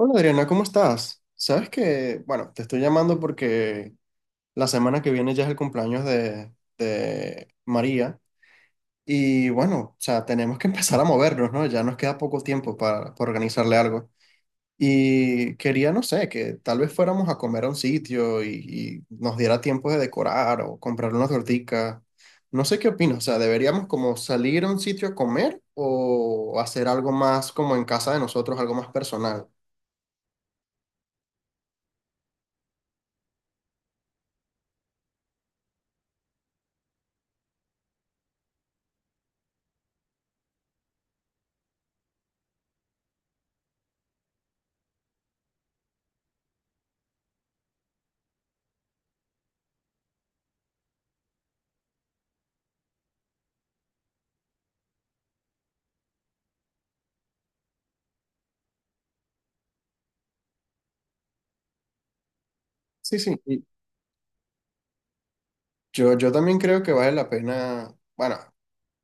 Hola Adriana, ¿cómo estás? Sabes que, bueno, te estoy llamando porque la semana que viene ya es el cumpleaños de María y bueno, o sea, tenemos que empezar a movernos, ¿no? Ya nos queda poco tiempo para organizarle algo. Y quería, no sé, que tal vez fuéramos a comer a un sitio y nos diera tiempo de decorar o comprar una tortica. No sé qué opinas, o sea, ¿deberíamos como salir a un sitio a comer o hacer algo más como en casa de nosotros, algo más personal? Sí, sí. Yo también creo que vale la pena, bueno,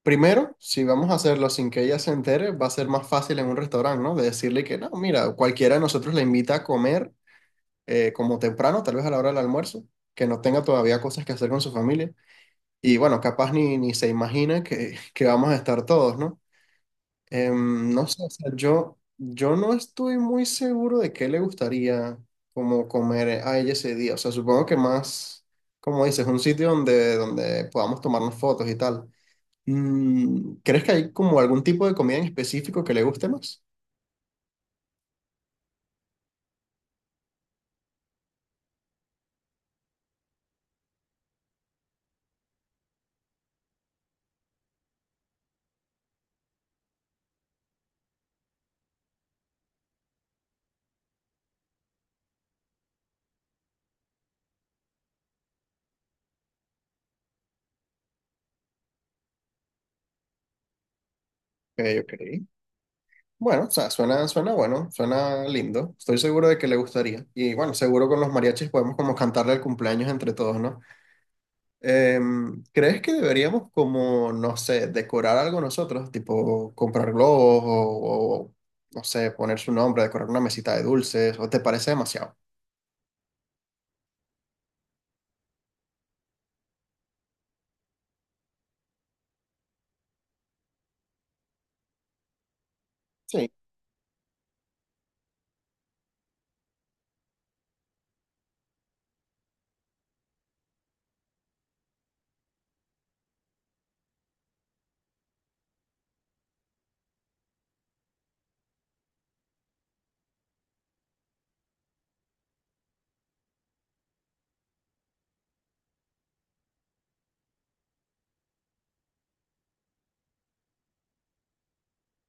primero, si vamos a hacerlo sin que ella se entere, va a ser más fácil en un restaurante, ¿no? De decirle que no, mira, cualquiera de nosotros la invita a comer como temprano, tal vez a la hora del almuerzo, que no tenga todavía cosas que hacer con su familia. Y bueno, capaz ni se imagina que, que vamos a estar todos, ¿no? No sé, o sea, yo no estoy muy seguro de qué le gustaría como comer a ella ese día. O sea, supongo que más, como dices, un sitio donde podamos tomarnos fotos y tal. Mm, ¿crees que hay como algún tipo de comida en específico que le guste más? Ok, ok. Bueno, o sea, suena bueno, suena lindo. Estoy seguro de que le gustaría. Y bueno, seguro con los mariachis podemos como cantarle el cumpleaños entre todos, ¿no? Em, ¿crees que deberíamos como, no sé, decorar algo nosotros? Tipo comprar globos no sé, poner su nombre, decorar una mesita de dulces, ¿o te parece demasiado? Sí,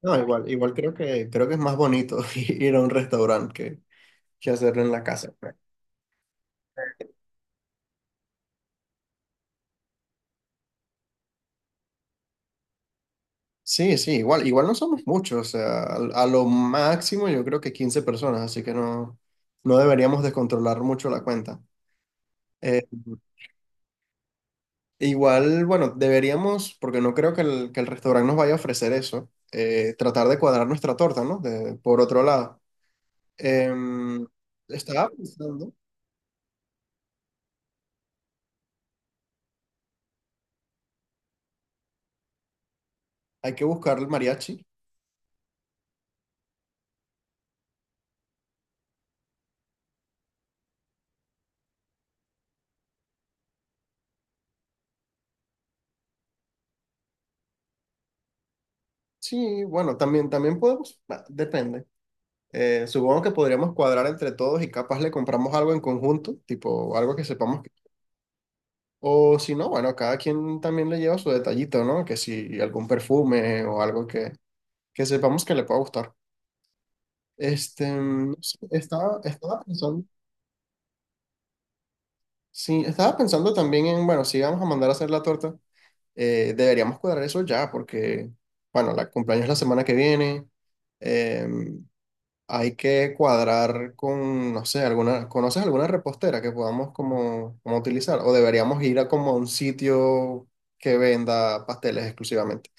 no, igual, igual creo que es más bonito ir a un restaurante que hacerlo en la casa. Sí, sí, igual, igual no somos muchos, o sea, a lo máximo yo creo que 15 personas, así que no, no deberíamos descontrolar mucho la cuenta. Eh, Igual, bueno, deberíamos, porque no creo que el restaurante nos vaya a ofrecer eso, tratar de cuadrar nuestra torta, ¿no? De- por otro lado. Em, estaba pensando, hay que buscar el mariachi. Sí, bueno, también, también podemos, bah, depende. Supongo que podríamos cuadrar entre todos y capaz le compramos algo en conjunto, tipo algo que sepamos que... O si no, bueno, cada quien también le lleva su detallito, ¿no? Que si algún perfume o algo que sepamos que le pueda gustar. Este, mm, no sé, estaba, estaba pensando, sí, estaba pensando también en, bueno, si vamos a mandar a hacer la torta, deberíamos cuadrar eso ya, porque, bueno, la cumpleaños es la semana que viene, eh, hay que cuadrar con, no sé, alguna, ¿conoces alguna repostera que podamos como utilizar? O deberíamos ir a como a un sitio que venda pasteles exclusivamente.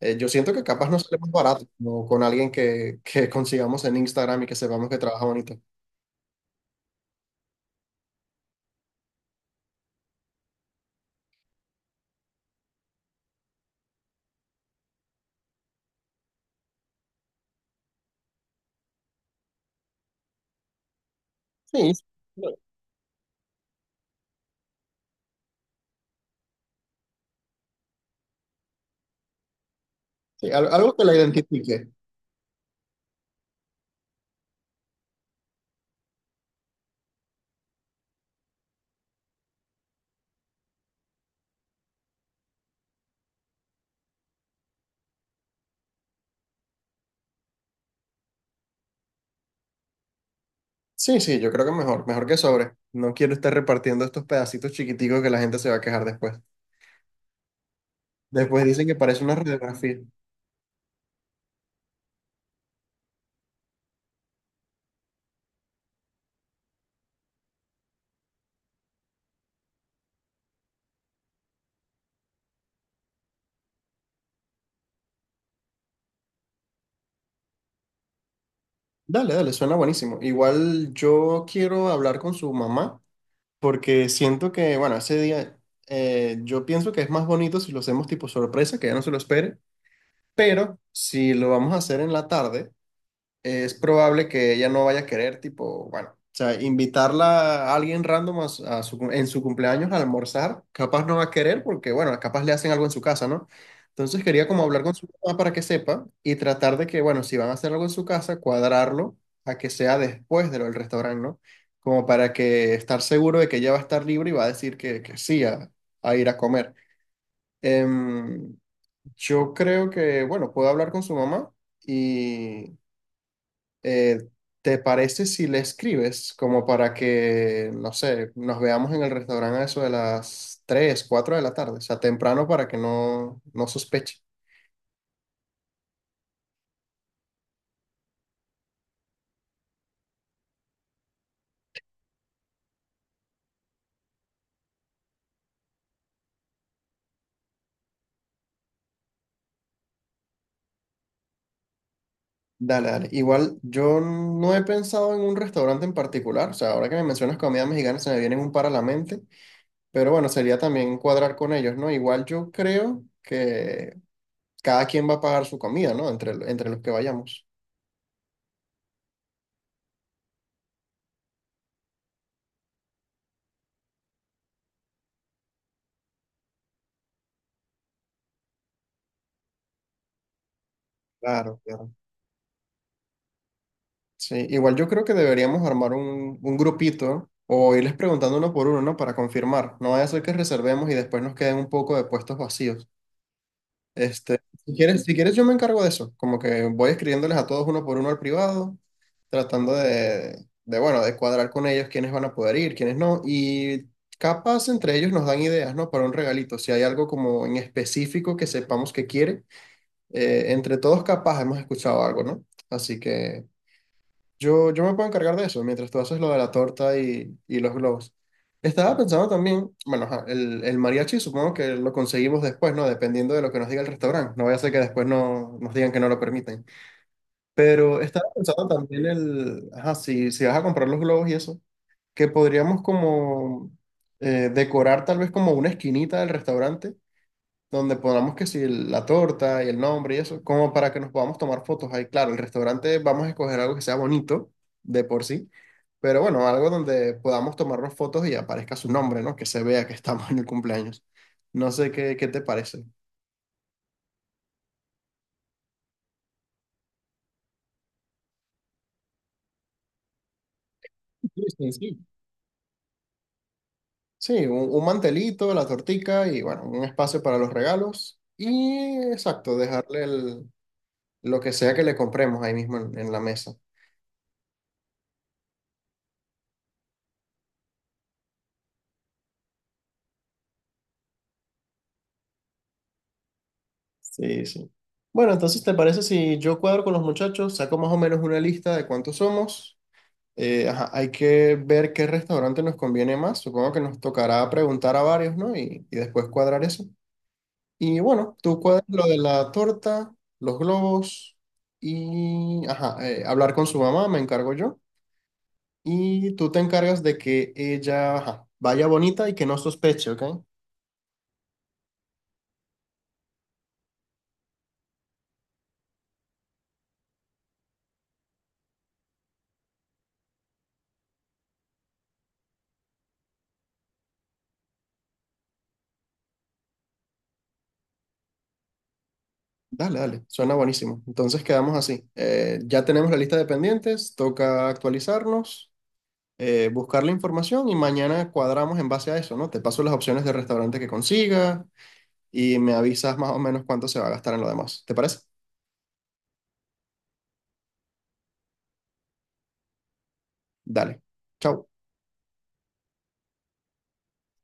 Yo siento que capaz nos sale más barato, ¿no? Con alguien que consigamos en Instagram y que sepamos que trabaja bonito. Sí, sí, al- algo que la identifique. Sí, sí, yo creo que mejor, mejor que sobre. No quiero estar repartiendo estos pedacitos chiquiticos que la gente se va a quejar después. Después dicen que parece una radiografía. Dale, dale, suena buenísimo. Igual yo quiero hablar con su mamá porque siento que, bueno, ese día yo pienso que es más bonito si lo hacemos tipo sorpresa, que ella no se lo espere, pero si lo vamos a hacer en la tarde. Es probable que ella no vaya a querer, tipo, bueno, o sea, invitarla a alguien random a su cum- en su cumpleaños a almorzar, capaz no va a querer porque, bueno, capaz le hacen algo en su casa, ¿no? Entonces quería como hablar con su mamá para que sepa y tratar de que, bueno, si van a hacer algo en su casa, cuadrarlo a que sea después de lo del restaurante, ¿no? Como para que estar seguro de que ella va a estar libre y va a decir que sí a ir a comer. Em, yo creo que, bueno, puedo hablar con su mamá eh, ¿te parece si le escribes como para que, no sé, nos veamos en el restaurante a eso de las 3-4 de la tarde? O sea, temprano para que no, no sospeche. Dale, dale. Igual yo no he pensado en un restaurante en particular. O sea, ahora que me mencionas comida mexicana se me vienen un par a la mente. Pero bueno, sería también cuadrar con ellos, ¿no? Igual yo creo que cada quien va a pagar su comida, ¿no? Entre los que vayamos. Claro, claro. Sí, igual yo creo que deberíamos armar un grupito o irles preguntando uno por uno, ¿no? Para confirmar. No vaya a ser que reservemos y después nos queden un poco de puestos vacíos. Este, si quieres yo me encargo de eso. Como que voy escribiéndoles a todos uno por uno al privado, tratando bueno, de cuadrar con ellos quiénes van a poder ir, quiénes no. Y capaz entre ellos nos dan ideas, ¿no? Para un regalito. Si hay algo como en específico que sepamos que quiere, entre todos capaz hemos escuchado algo, ¿no? Así que... Yo me puedo encargar de eso mientras tú haces lo de la torta y los globos. Estaba pensando también, bueno, ajá, el mariachi supongo que lo conseguimos después, ¿no? Dependiendo de lo que nos diga el restaurante. No vaya a ser que después no, nos digan que no lo permiten. Pero estaba pensando también el, ajá, si vas a comprar los globos y eso, que podríamos como decorar tal vez como una esquinita del restaurante donde pongamos que si el- la torta y el nombre y eso, como para que nos podamos tomar fotos ahí. Claro, el restaurante vamos a escoger algo que sea bonito de por sí, pero bueno, algo donde podamos tomarnos fotos y aparezca su nombre, ¿no? Que se vea que estamos en el cumpleaños. No sé qué, qué te parece. Cristian, sí. Sí, sí, un mantelito, la tortica y bueno, un espacio para los regalos y exacto, dejarle el- lo que sea que le compremos ahí mismo en la mesa. Sí, sí. Bueno, entonces, ¿te parece si yo cuadro con los muchachos, saco más o menos una lista de cuántos somos? Ajá, hay que ver qué restaurante nos conviene más. Supongo que nos tocará preguntar a varios, ¿no? Y después cuadrar eso. Y bueno, tú cuadras lo de la torta, los globos ajá, hablar con su mamá, me encargo yo. Y tú te encargas de que ella, ajá, vaya bonita y que no sospeche, ¿ok? Dale, dale, suena buenísimo. Entonces quedamos así. Ya tenemos la lista de pendientes, toca actualizarnos, buscar la información y mañana cuadramos en base a eso, ¿no? Te paso las opciones de restaurante que consiga y me avisas más o menos cuánto se va a gastar en lo demás. ¿Te parece? Dale. Chao.